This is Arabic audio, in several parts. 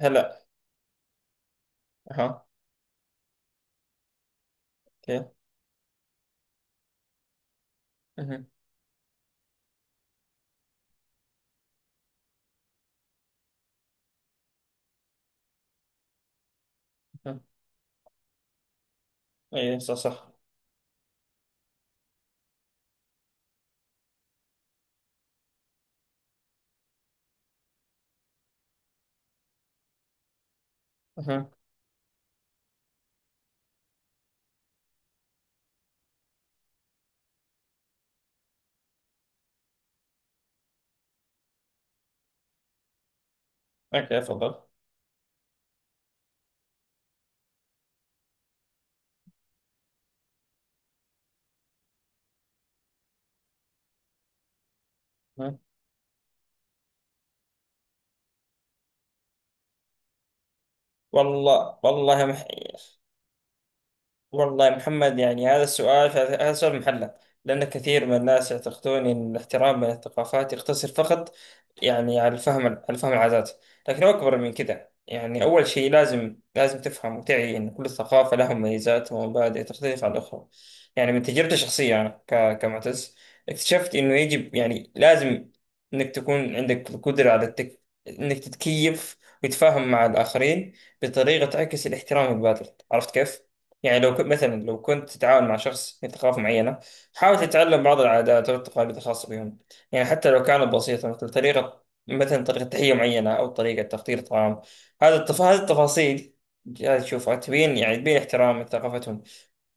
هلا. اها. اوكي. اها. اها. اي، صح صح. اها. اوكي، تفضل. أها. والله محير. والله يا محمد، يعني هذا سؤال محلة. لأن كثير من الناس يعتقدون أن الاحترام بين الثقافات يقتصر فقط، يعني على الفهم على فهم العادات. لكن هو أكبر من كذا. يعني أول شيء لازم تفهم وتعي أن كل ثقافة لها مميزات ومبادئ تختلف عن الأخرى. يعني من تجربتي الشخصية أنا كمعتز، اكتشفت أنه يجب، يعني لازم أنك تكون عندك القدرة أنك تتكيف وتتفاهم مع الآخرين بطريقة تعكس الاحترام البادئ، عرفت كيف؟ يعني لو كنت مثلا، لو كنت تتعاون مع شخص من ثقافة معينة، حاول تتعلم بعض العادات والتقاليد الخاصة بهم. يعني حتى لو كانت بسيطة، مثل طريقة، مثلا طريقة تحية معينة أو طريقة تحضير طعام. هذه التفاصيل جاي تشوفها، تبين يعني تبين احترام لثقافتهم.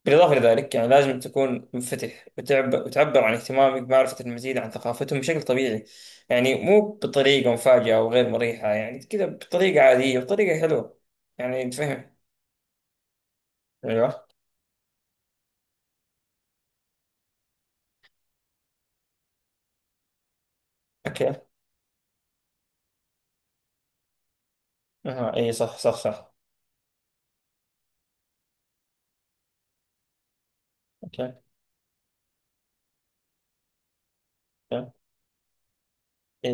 بالإضافة لذلك، يعني لازم تكون منفتح وتعبر عن اهتمامك بمعرفة المزيد عن ثقافتهم بشكل طبيعي. يعني مو بطريقة مفاجئة أو غير مريحة، يعني كذا بطريقة عادية، بطريقة حلوة. يعني تفهم. أيوه. أوكي. اها. اي، صح صح صح. اوكي. اوكي. اي.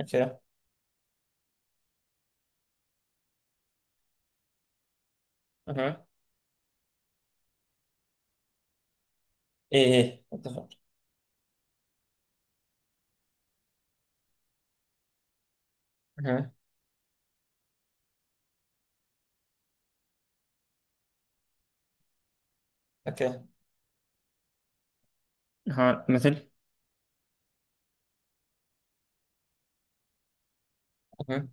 اوكي. اها. اي اي اتفق. اها. اوكي. اها، مثل. اها.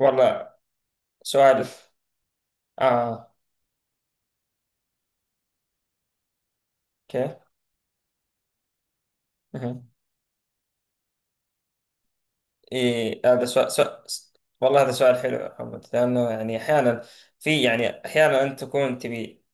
والله، سؤال. اه. اوكي. اها. اي، هذا سؤال. والله هذا سؤال حلو يا محمد، لانه يعني احيانا، في يعني احيانا انت تكون تبي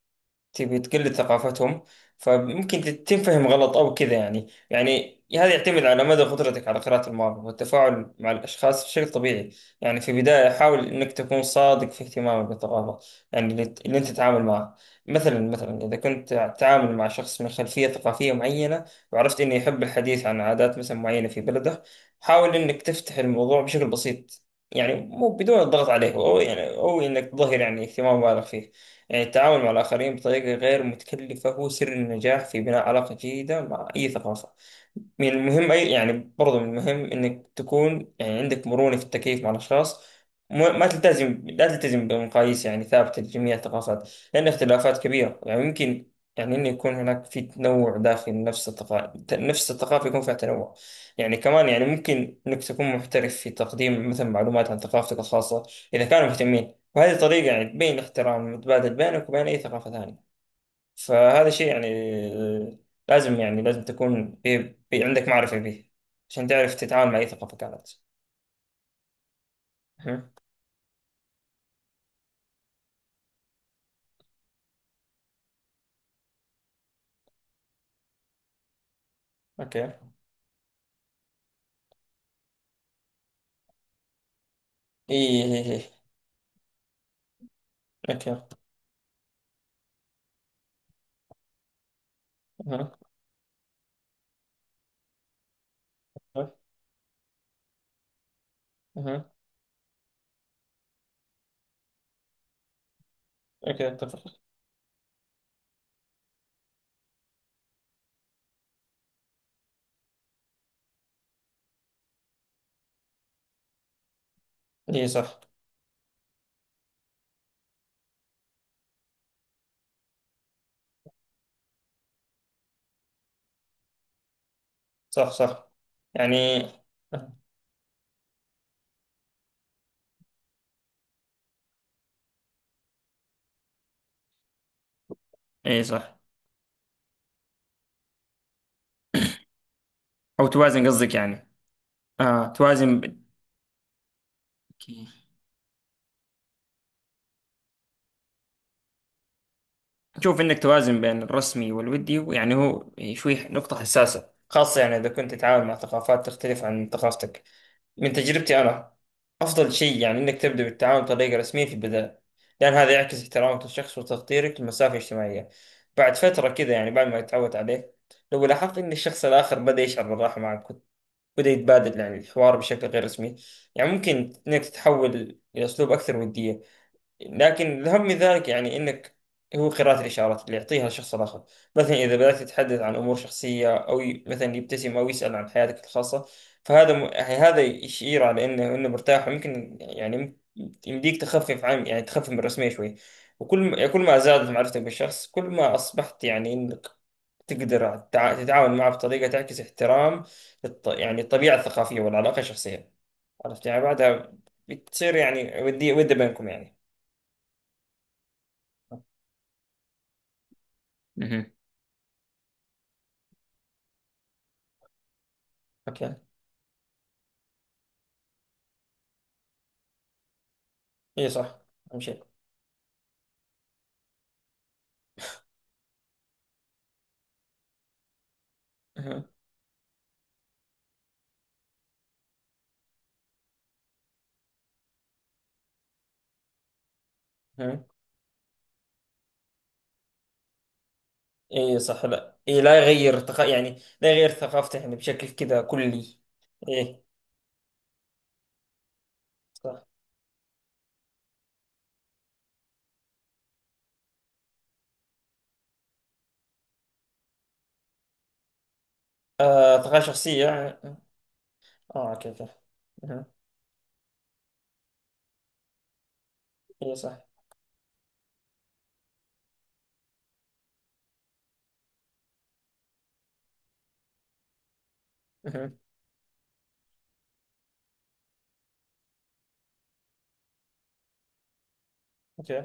تبي تقلد ثقافتهم. فممكن تنفهم غلط أو كذا. يعني هذا يعتمد على مدى قدرتك على قراءة المواقف والتفاعل مع الأشخاص بشكل طبيعي. يعني في البداية حاول إنك تكون صادق في اهتمامك بالثقافة، يعني اللي أنت تتعامل معه. مثلا إذا كنت تتعامل مع شخص من خلفية ثقافية معينة، وعرفت إنه يحب الحديث عن عادات مثلا معينة في بلده، حاول إنك تفتح الموضوع بشكل بسيط. يعني مو بدون الضغط عليه، أو يعني أو إنك تظهر يعني اهتمام بالغ فيه. يعني التعامل مع الآخرين بطريقة غير متكلفة هو سر النجاح في بناء علاقة جيدة مع أي ثقافة. من المهم، أي يعني برضه من المهم إنك تكون يعني عندك مرونة في التكيف مع الأشخاص. ما لا تلتزم بمقاييس يعني ثابتة لجميع الثقافات، لأن اختلافات كبيرة يعني يمكن يعني إنه يكون هناك في تنوع داخل نفس الثقافة. نفس الثقافة يكون فيها تنوع. يعني كمان يعني ممكن إنك تكون محترف في تقديم مثلا معلومات عن ثقافتك الخاصة إذا كانوا مهتمين. وهذه طريقة يعني تبين الاحترام المتبادل بينك وبين أي ثقافة ثانية. فهذا شيء يعني، آه، لازم يعني لازم تكون بي عندك معرفة به، عشان تعرف تتعامل مع أي ثقافة كانت. أها. أوكي. إيه إيه إيه. أوكي. أها. أها. أها. أوكي، أتفق. إيه صح. صح صح. يعني إيه صح. أو توازن قصدك يعني. توازن. ب... شوف انك توازن بين الرسمي والودي، يعني هو شوي نقطة حساسة، خاصة يعني اذا كنت تتعامل مع ثقافات تختلف عن ثقافتك. من تجربتي انا، افضل شيء يعني انك تبدأ بالتعامل بطريقة رسمية في البداية، لان هذا يعكس احترامك للشخص وتقديرك للمسافة الاجتماعية. بعد فترة كذا يعني بعد ما تتعود عليه، لو لاحظت ان الشخص الاخر بدأ يشعر بالراحة معك، بدأ يتبادل يعني الحوار بشكل غير رسمي، يعني ممكن انك تتحول الى اسلوب اكثر ودية. لكن الأهم من ذلك يعني انك هو قراءة الإشارات اللي يعطيها الشخص الآخر. مثلا إذا بدأت تتحدث عن أمور شخصية، أو مثلا يبتسم أو يسأل عن حياتك الخاصة، فهذا يعني هذا يشير على إنه مرتاح، ويمكن يعني يمديك تخفف عن، يعني تخفف من الرسمية شوي. وكل ما... كل ما زادت معرفتك بالشخص، كل ما أصبحت يعني إنك تقدر تتعاون معه بطريقة تعكس احترام يعني الطبيعة الثقافية والعلاقة الشخصية. عرفت يعني بعدها بتصير يعني ودية، ودة بينكم يعني. مهم. مكان. اي صح. اهم شيء. اها. اها. اي صح، لا اي، لا يغير يعني لا يغير ثقافته يعني بشكل كذا كلي. اي صح. ثقافة شخصية يعني. اه، اوكي اوكي. اها. اي صح. اها. اوكي.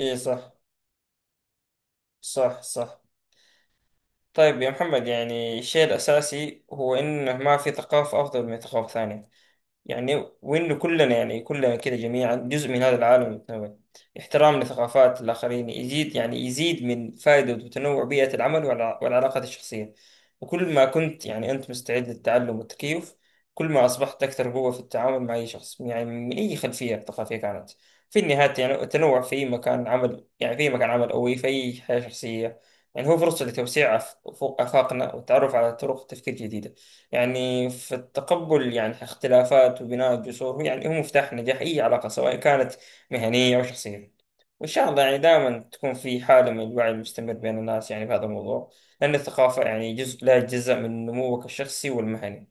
اي، صح صح صح. طيب يا محمد، يعني الشيء الأساسي هو إنه ما في ثقافة أفضل من ثقافة ثانية. يعني وإنه كلنا، يعني كلنا كده جميعا جزء من هذا العالم المتنوع. احترام لثقافات الآخرين يزيد، يعني يزيد من فائدة وتنوع بيئة العمل والعلاقات الشخصية. وكل ما كنت يعني أنت مستعد للتعلم والتكيف، كل ما أصبحت أكثر قوة في التعامل مع أي شخص، يعني من أي خلفية ثقافية كانت. في النهاية يعني التنوع في مكان عمل، يعني في مكان عمل أو في أي حياة شخصية، يعني هو فرصة لتوسيع أفاقنا والتعرف على طرق تفكير جديدة. يعني في التقبل يعني اختلافات وبناء الجسور، يعني هو مفتاح نجاح أي علاقة سواء كانت مهنية أو شخصية. وإن شاء الله يعني دائما تكون في حالة من الوعي المستمر بين الناس يعني في هذا الموضوع، لأن الثقافة يعني جزء لا يتجزأ من نموك الشخصي والمهني.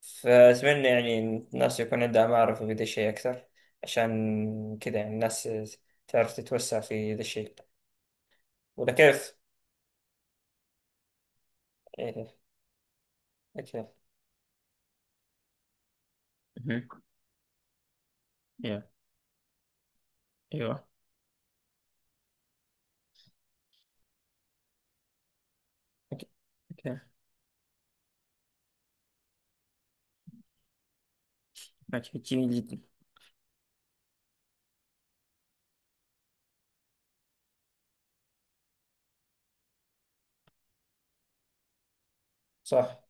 فأتمنى يعني إن الناس يكون عندها معرفة بهذا الشيء أكثر، عشان كذا يعني الناس تعرف تتوسع في ذا الشيء. ولا كيف؟ إيه، أكيد. مهم. يا. أيوه. أوكي. أوكي. أوكي، جميل جدا. صح.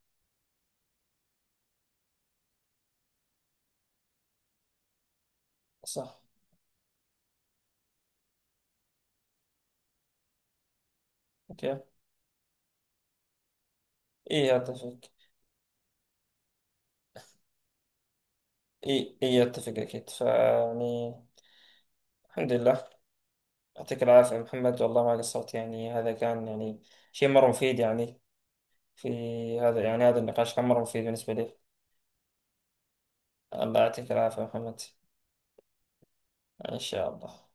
صح. اوكي. ايه، اتفق. ايه ايه، اتفق اكيد فيعني. الحمد لله. يعطيك العافية يا محمد، والله ما قصرت. يعني هذا كان يعني شيء مرة مفيد. يعني في، هذا يعني هذا النقاش كان مرة مفيد بالنسبة لي. الله يعطيك العافية يا محمد. ان شاء الله.